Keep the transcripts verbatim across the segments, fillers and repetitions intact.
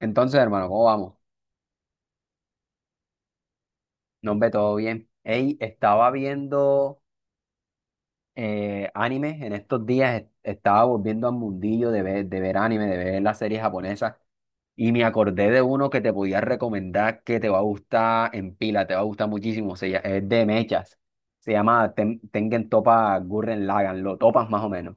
Entonces, hermano, ¿cómo vamos? Nos ve todo bien. Ey, estaba viendo eh, anime en estos días, est- estaba volviendo al mundillo de ver, de ver anime, de ver las series japonesas, y me acordé de uno que te podía recomendar que te va a gustar en pila, te va a gustar muchísimo, se, lla- es de mechas, se llama Ten- Tengen Toppa Gurren Lagann, lo topas más o menos.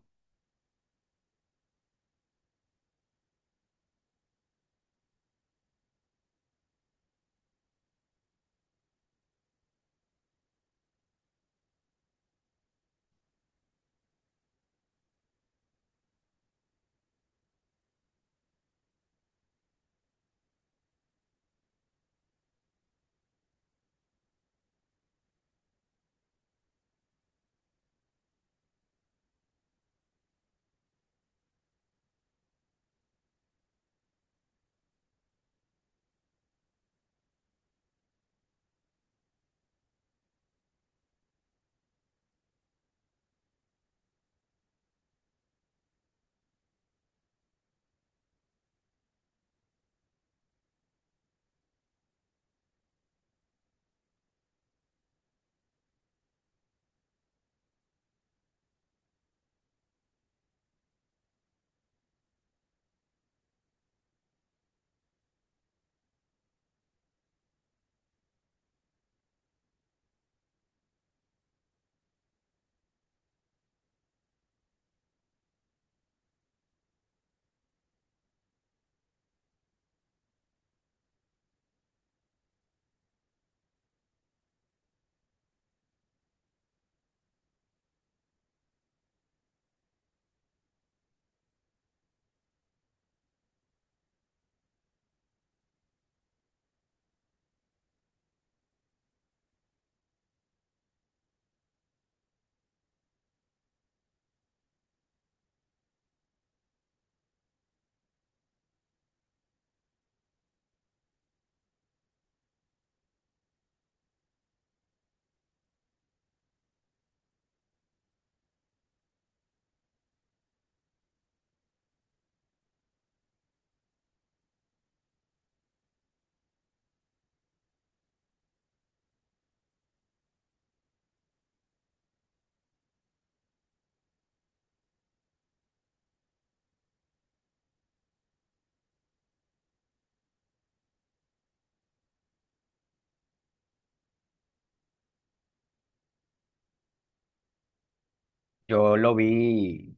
Yo lo vi,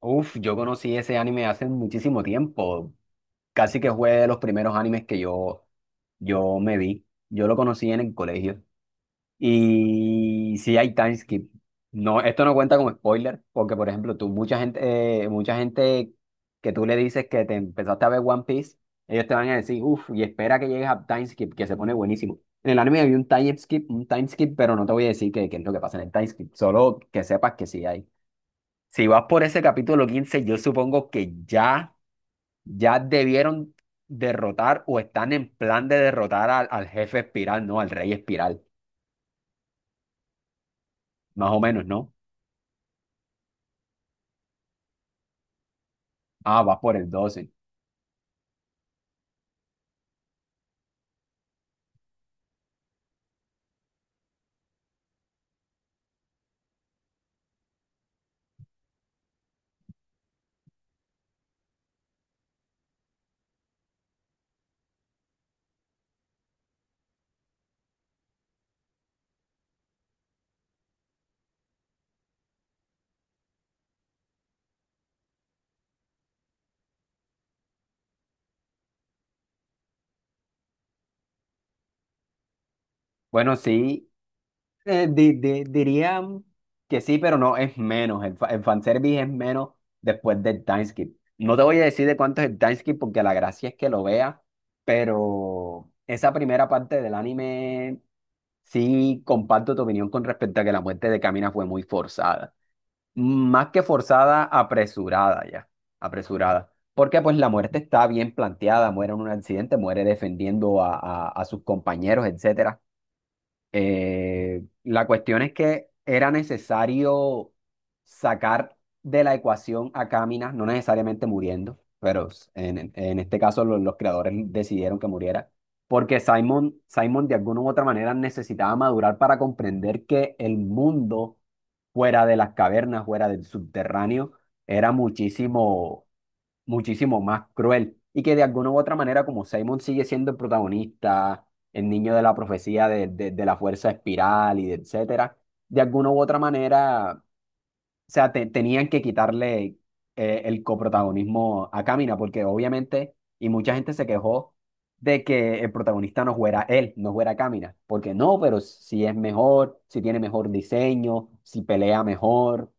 uff, yo conocí ese anime hace muchísimo tiempo, casi que fue de los primeros animes que yo, yo me vi. Yo lo conocí en el colegio. Y sí hay time skip. No, esto no cuenta como spoiler, porque por ejemplo, tú, mucha gente, eh, mucha gente que tú le dices que te empezaste a ver One Piece, ellos te van a decir, uff, y espera que llegues a time skip, que se pone buenísimo. En el anime había un time skip, un time skip, pero no te voy a decir qué qué es lo que pasa en el time skip, solo que sepas que sí hay. Si vas por ese capítulo quince yo supongo que ya ya debieron derrotar o están en plan de derrotar al, al jefe espiral, ¿no? Al rey espiral, más o menos, ¿no? Ah, va por el doce. Bueno, sí, eh, di- di- dirían que sí, pero no, es menos. El, fa- el fanservice es menos después del timeskip. No te voy a decir de cuánto es el timeskip porque la gracia es que lo veas, pero esa primera parte del anime, sí comparto tu opinión con respecto a que la muerte de Camina fue muy forzada. Más que forzada, apresurada ya, apresurada. Porque pues la muerte está bien planteada, muere en un accidente, muere defendiendo a, a- a sus compañeros, etcétera. Eh, la cuestión es que era necesario sacar de la ecuación a Cáminas, no necesariamente muriendo, pero en, en este caso lo- los, creadores decidieron que muriera, porque Simon, Simon de alguna u otra manera necesitaba madurar para comprender que el mundo fuera de las cavernas, fuera del subterráneo, era muchísimo muchísimo más cruel y que de alguna u otra manera, como Simon sigue siendo el protagonista, el niño de la profecía de, de- de la fuerza espiral y de etcétera, de alguna u otra manera, o sea, te- tenían que quitarle eh, el coprotagonismo a Camina, porque obviamente, y mucha gente se quejó de que el protagonista no fuera él, no fuera Camina, porque no, pero si es mejor, si tiene mejor diseño, si pelea mejor,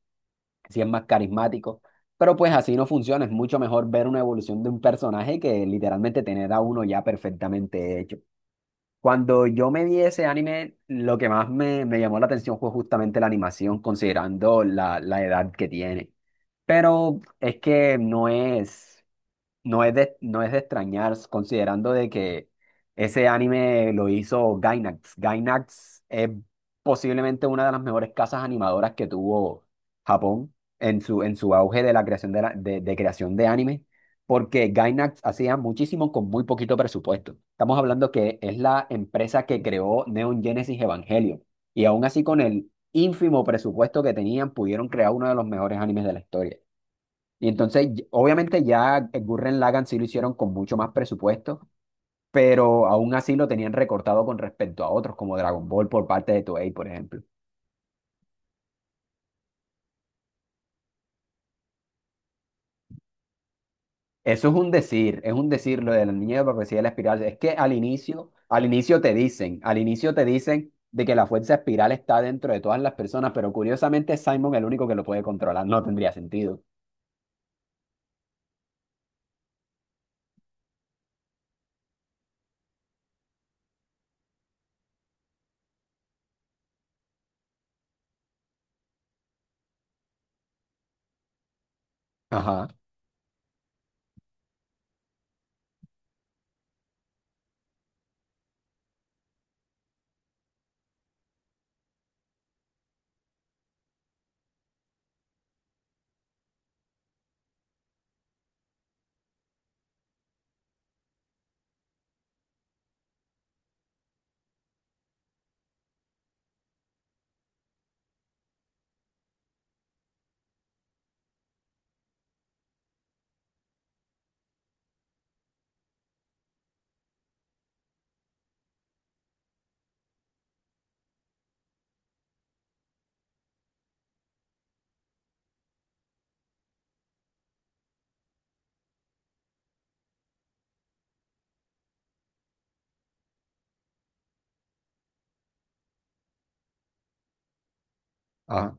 si es más carismático. Pero pues así no funciona, es mucho mejor ver una evolución de un personaje que literalmente tener a uno ya perfectamente hecho. Cuando yo me vi ese anime, lo que más me, me llamó la atención fue justamente la animación, considerando la, la edad que tiene. Pero es que no es, no es de, no es de extrañar, considerando de que ese anime lo hizo Gainax. Gainax es posiblemente una de las mejores casas animadoras que tuvo Japón en su, en su auge de la creación de, la- de, de creación de anime, porque Gainax hacía muchísimo con muy poquito presupuesto. Estamos hablando que es la empresa que creó Neon Genesis Evangelion, y aún así con el ínfimo presupuesto que tenían, pudieron crear uno de los mejores animes de la historia. Y entonces, y- obviamente ya el Gurren Lagann sí lo hicieron con mucho más presupuesto, pero aún así lo tenían recortado con respecto a otros, como Dragon Ball por parte de Toei, por ejemplo. Eso es un decir, es un decir lo de la niña de la profecía de la espiral. Es que al inicio, al inicio te dicen, al inicio te dicen de que la fuerza espiral está dentro de todas las personas, pero curiosamente es Simon el único que lo puede controlar. No tendría sentido. Ajá, ajá.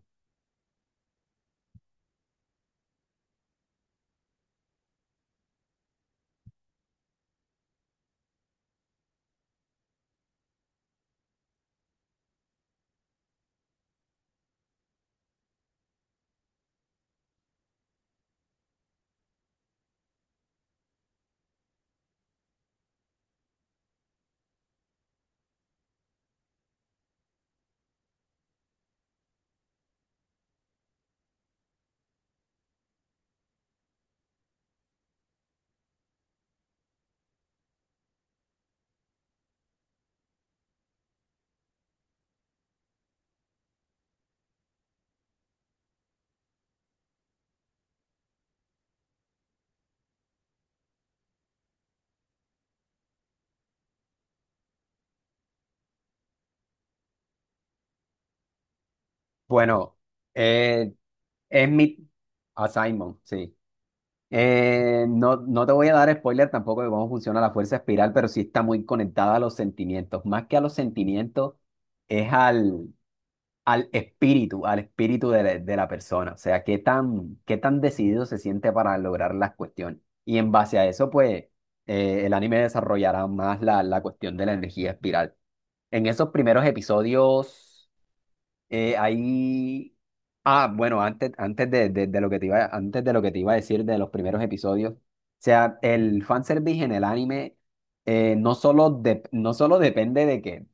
Bueno, eh, es mi... A Simon, sí. Eh, no, no te voy a dar spoiler tampoco de cómo funciona la fuerza espiral, pero sí está muy conectada a los sentimientos. Más que a los sentimientos, es al, al espíritu, al espíritu de la, de la persona. O sea, qué tan, qué tan decidido se siente para lograr las cuestiones. Y en base a eso, pues, eh, el anime desarrollará más la, la cuestión de la energía espiral. En esos primeros episodios. Eh, ahí, ah, bueno, antes, antes de, de- de lo que te iba, antes de lo que te iba a decir de los primeros episodios, o sea, el fanservice en el anime eh, no solo, de- no solo depende de que,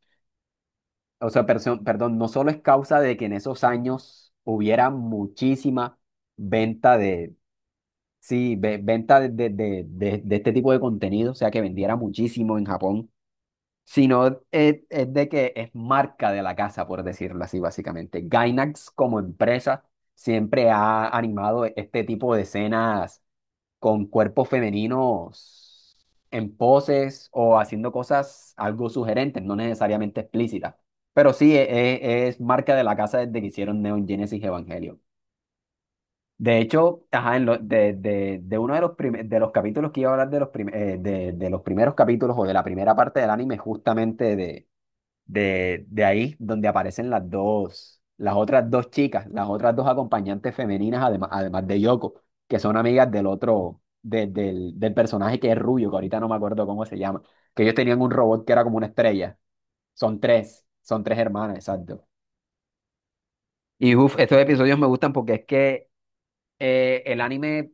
o sea, perso- perdón, no solo es causa de que en esos años hubiera muchísima venta de, sí, ve- venta de, de, de, de de este tipo de contenido, o sea, que vendiera muchísimo en Japón, sino es, es de que es marca de la casa, por decirlo así, básicamente. Gainax como empresa siempre ha animado este tipo de escenas con cuerpos femeninos en poses o haciendo cosas algo sugerentes, no necesariamente explícitas. Pero sí, e- e- es, marca de la casa desde que hicieron Neon Genesis Evangelion. De hecho, ajá, en lo- de, de- de uno de los, prim- de los capítulos que iba a hablar de los, prim- eh, de, de los primeros capítulos o de la primera parte del anime, justamente de, de ahí donde aparecen las dos, las otras dos chicas, las otras dos acompañantes femeninas, además, además de Yoko, que son amigas del otro, de- del, del personaje que es rubio, que ahorita no me acuerdo cómo se llama, que ellos tenían un robot que era como una estrella. Son tres, son tres hermanas, exacto. Y uff, estos episodios me gustan porque es que eh, el anime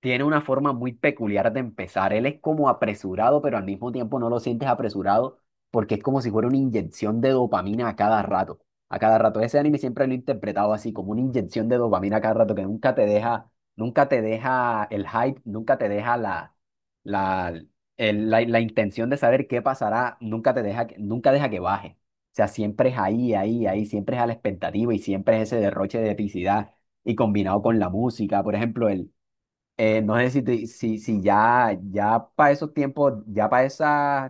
tiene una forma muy peculiar de empezar. Él es como apresurado, pero al mismo tiempo no lo sientes apresurado porque es como si fuera una inyección de dopamina a cada rato. A cada rato. Ese anime siempre lo he interpretado así, como una inyección de dopamina a cada rato que nunca te deja, nunca te deja el hype, nunca te deja la, la, el- la, la intención de saber qué pasará, nunca te deja, que- nunca deja que baje. O sea, siempre es ahí, ahí, ahí, siempre es a la expectativa y siempre es ese derroche de epicidad y combinado con la música. Por ejemplo, el, eh, no sé si, te- si, si ya, ya para esos tiempos, ya para esos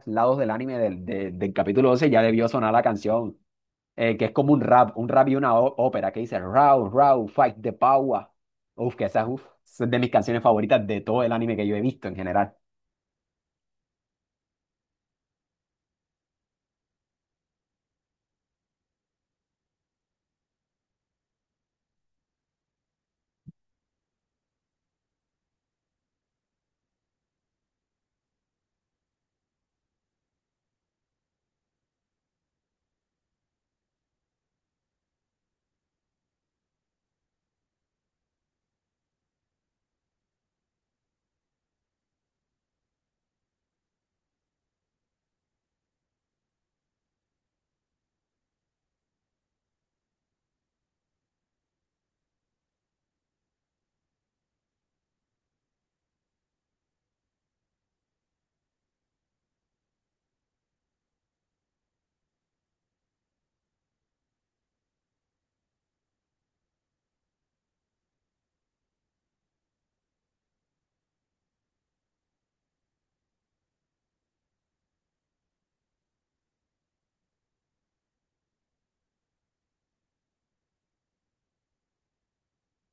lados del anime del, de- del capítulo doce ya debió sonar la canción, eh, que es como un rap, un rap y una ó- ópera que dice Raw, Raw, Fight the Power. Uf, que esa es, uf, es de mis canciones favoritas de todo el anime que yo he visto en general.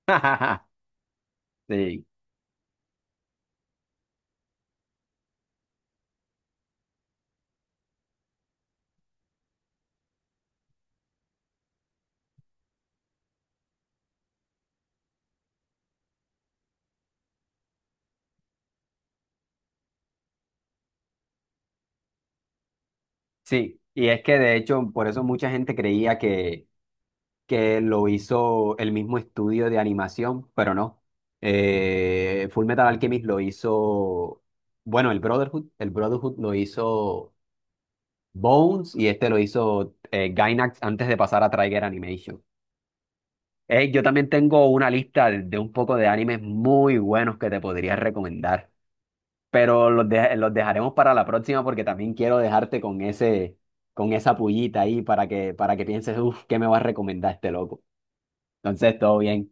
Sí, sí. Y es que de hecho, por eso mucha gente creía que que lo hizo el mismo estudio de animación, pero no. Eh, Full Metal Alchemist lo hizo, bueno, el Brotherhood, el Brotherhood lo hizo Bones y este lo hizo eh, Gainax antes de pasar a Trigger Animation. Eh, yo también tengo una lista de, de un poco de animes muy buenos que te podría recomendar, pero los, de- los dejaremos para la próxima porque también quiero dejarte con ese, con esa pullita ahí para que, para que pienses, uff, ¿qué me va a recomendar este loco? Entonces, todo bien.